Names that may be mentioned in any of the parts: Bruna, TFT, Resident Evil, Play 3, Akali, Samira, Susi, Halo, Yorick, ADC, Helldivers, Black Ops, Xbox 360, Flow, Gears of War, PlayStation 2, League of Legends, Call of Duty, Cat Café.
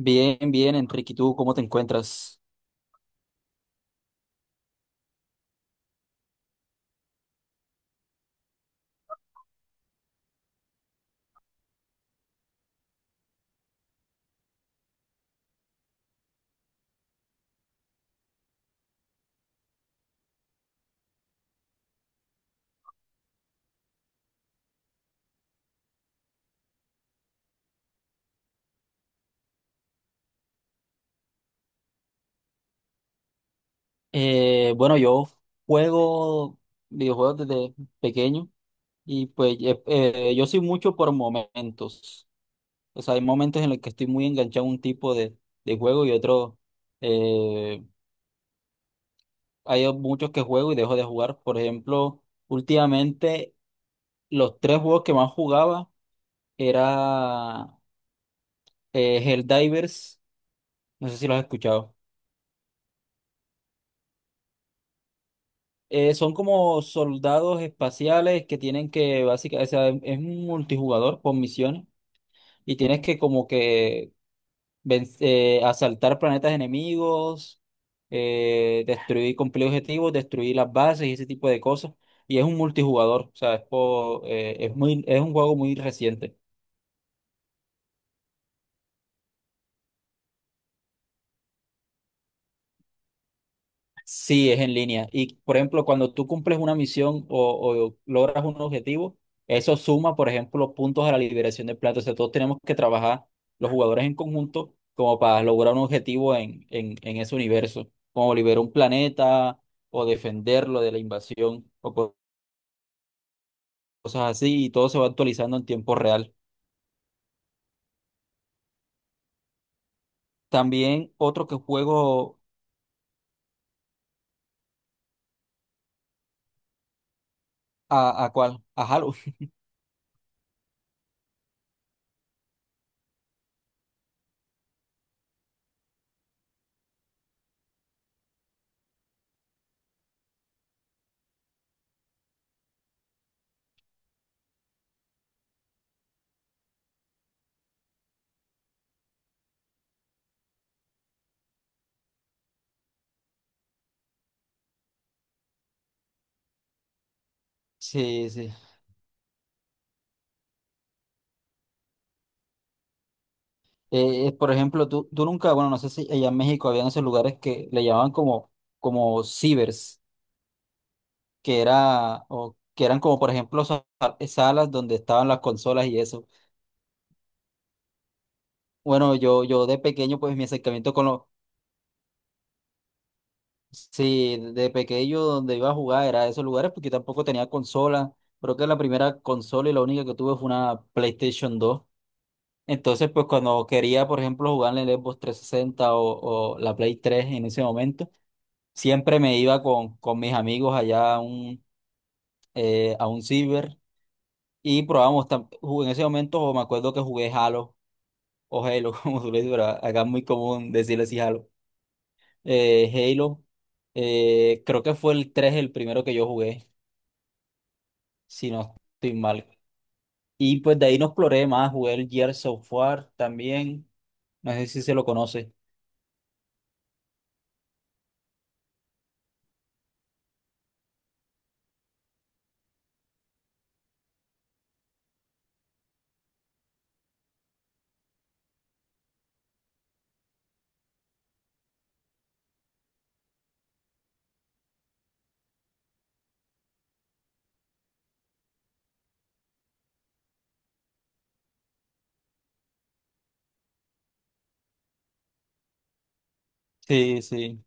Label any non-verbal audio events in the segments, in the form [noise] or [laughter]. Bien, bien, Enrique, ¿y tú cómo te encuentras? Bueno, yo juego videojuegos desde pequeño y pues yo soy mucho por momentos. O sea, hay momentos en los que estoy muy enganchado a un tipo de juego y otro. eh, Hay muchos que juego y dejo de jugar. Por ejemplo, últimamente los tres juegos que más jugaba era Helldivers. No sé si los has escuchado. Son como soldados espaciales que tienen que, básicamente, o sea, es un multijugador con misiones y tienes que como que asaltar planetas enemigos, destruir, cumplir objetivos, destruir las bases y ese tipo de cosas. Y es un multijugador, o sea, es un juego muy reciente. Sí, es en línea. Y, por ejemplo, cuando tú cumples una misión o logras un objetivo, eso suma, por ejemplo, puntos a la liberación de plata. O sea, todos tenemos que trabajar los jugadores en conjunto como para lograr un objetivo en ese universo, como liberar un planeta o defenderlo de la invasión o cosas así, y todo se va actualizando en tiempo real. También otro que juego a ¿cuál? A Halo. [laughs] Sí, sí. Por ejemplo, tú nunca, bueno, no sé si allá en México habían esos lugares que le llamaban como cibers, que era, o que eran como, por ejemplo, salas donde estaban las consolas y eso. Bueno, yo de pequeño, pues mi acercamiento con los, sí, de pequeño donde iba a jugar era a esos lugares porque tampoco tenía consola. Creo que la primera consola y la única que tuve fue una PlayStation 2. Entonces, pues cuando quería, por ejemplo, jugar en el Xbox 360 o la Play 3 en ese momento. Siempre me iba con mis amigos allá a un ciber y probábamos, jugué en ese momento o me acuerdo que jugué Halo o Halo, [laughs] como tú le dices, pero acá es muy común decirle así Halo. Halo, creo que fue el 3 el primero que yo jugué, si no estoy mal. Y pues de ahí no exploré más, jugué el Gears of War también, no sé si se lo conoce. Sí, sí.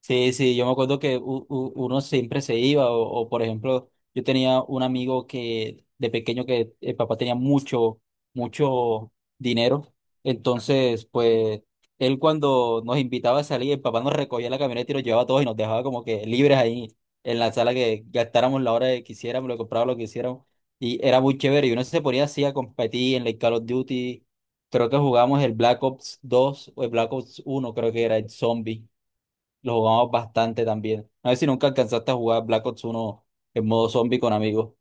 Sí, sí, yo me acuerdo que uno siempre se iba, por ejemplo, yo tenía un amigo que de pequeño que el papá tenía mucho, mucho dinero, entonces pues él cuando nos invitaba a salir, el papá nos recogía en la camioneta y nos llevaba a todos y nos dejaba como que libres ahí en la sala que gastáramos la hora que quisiéramos, lo que comprábamos, lo que quisiéramos, y era muy chévere, y uno se ponía así a competir en el Call of Duty, creo que jugamos el Black Ops 2 o el Black Ops 1, creo que era el Zombie. Lo jugamos bastante también. A ver si nunca alcanzaste a jugar Black Ops 1 en modo zombie con amigos.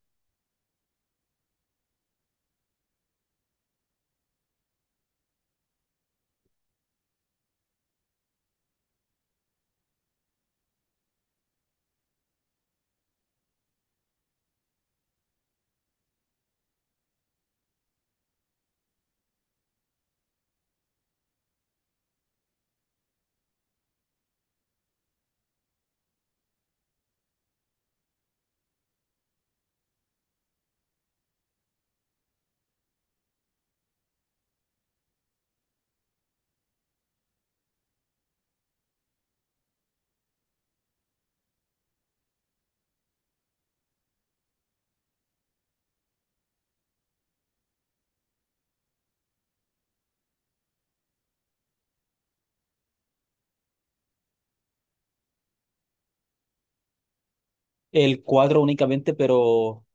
El 4 únicamente, pero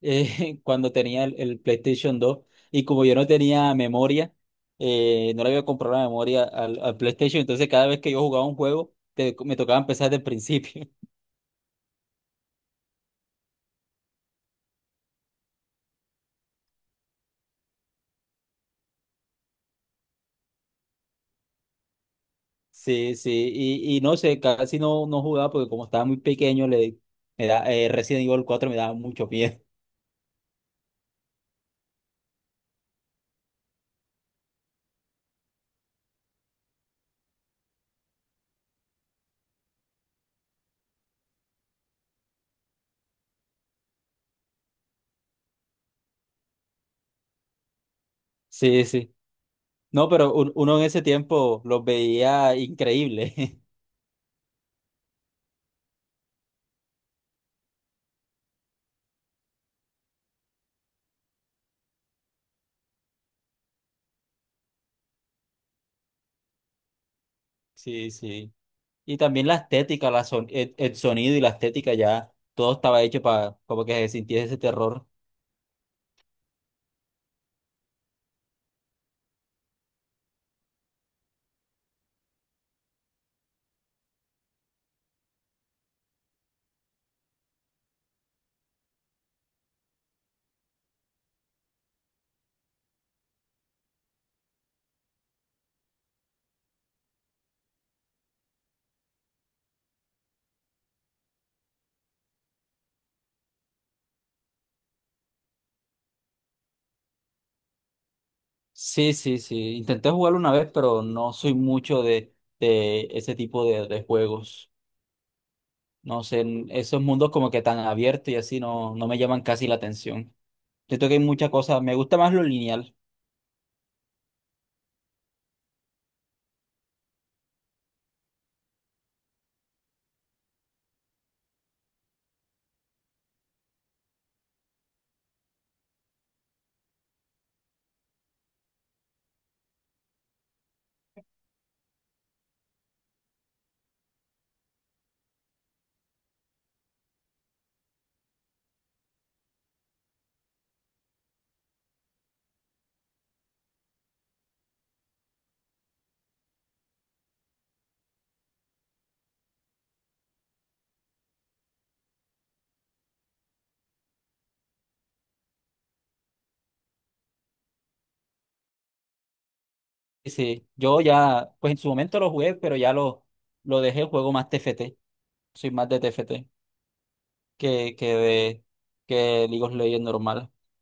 [laughs] cuando tenía el PlayStation 2 y como yo no tenía memoria, no le había comprado la memoria al PlayStation, entonces cada vez que yo jugaba un juego me tocaba empezar desde el principio. [laughs] Sí, sí, y no sé, casi no jugaba porque como estaba muy pequeño, Resident Evil 4 me daba mucho miedo. [laughs] Sí, sí. No, pero uno en ese tiempo los veía increíble. [laughs] Sí, sí. Y también la estética, el sonido y la estética ya, todo estaba hecho para como que se sintiera ese terror. Sí, sí, sí. Intenté jugarlo una vez, pero no soy mucho de ese tipo de juegos. No sé, en esos mundos como que tan abiertos y así no me llaman casi la atención. Siento que hay muchas cosas, me gusta más lo lineal. Sí, sí. Yo ya, pues en su momento lo jugué, pero ya lo dejé el juego más TFT. Soy más de TFT que de que League of Legends normal. [laughs]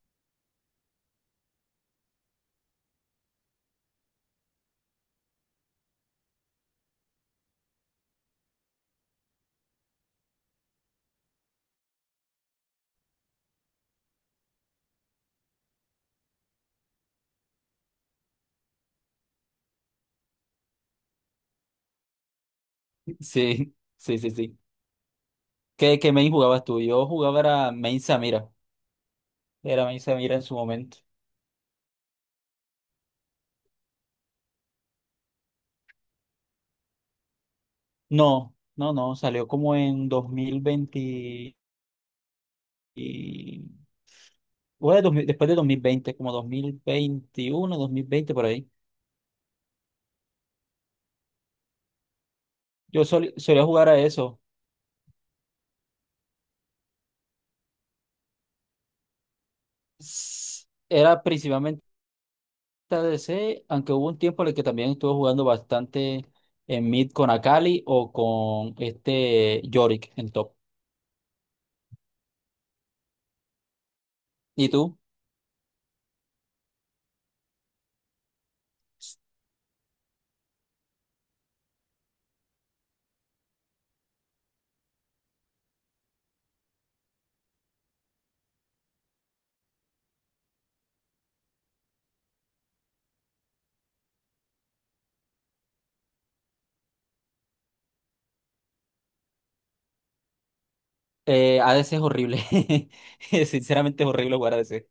Sí, sí, sí, sí. ¿Qué main jugabas tú? Yo jugaba era main Samira. Era main Samira en su momento. No, no, no. Salió como en 2020 y, bueno, 2000 después de 2020, como 2021, 2020, por ahí. Yo solía jugar a eso. Era TDC, aunque hubo un tiempo en el que también estuvo jugando bastante en mid con Akali o con este Yorick en top. ¿Y tú? ADC es horrible. [laughs] Sinceramente es horrible jugar ADC.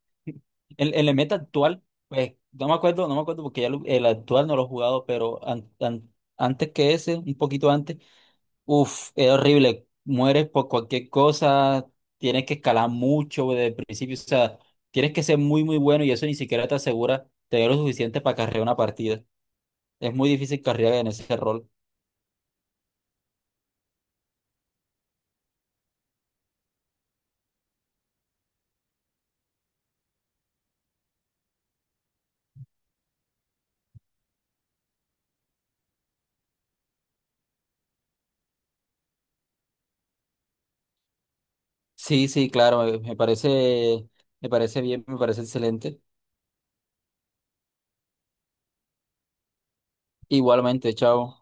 En el meta actual, pues no me acuerdo, no me acuerdo porque ya el actual no lo he jugado, pero antes que ese, un poquito antes. Uf, es horrible. Mueres por cualquier cosa, tienes que escalar mucho desde el principio. O sea, tienes que ser muy, muy bueno y eso ni siquiera te asegura tener lo suficiente para carrear una partida. Es muy difícil carrear en ese rol. Sí, sí, claro, me parece, me parece bien, me parece excelente. Igualmente, chao.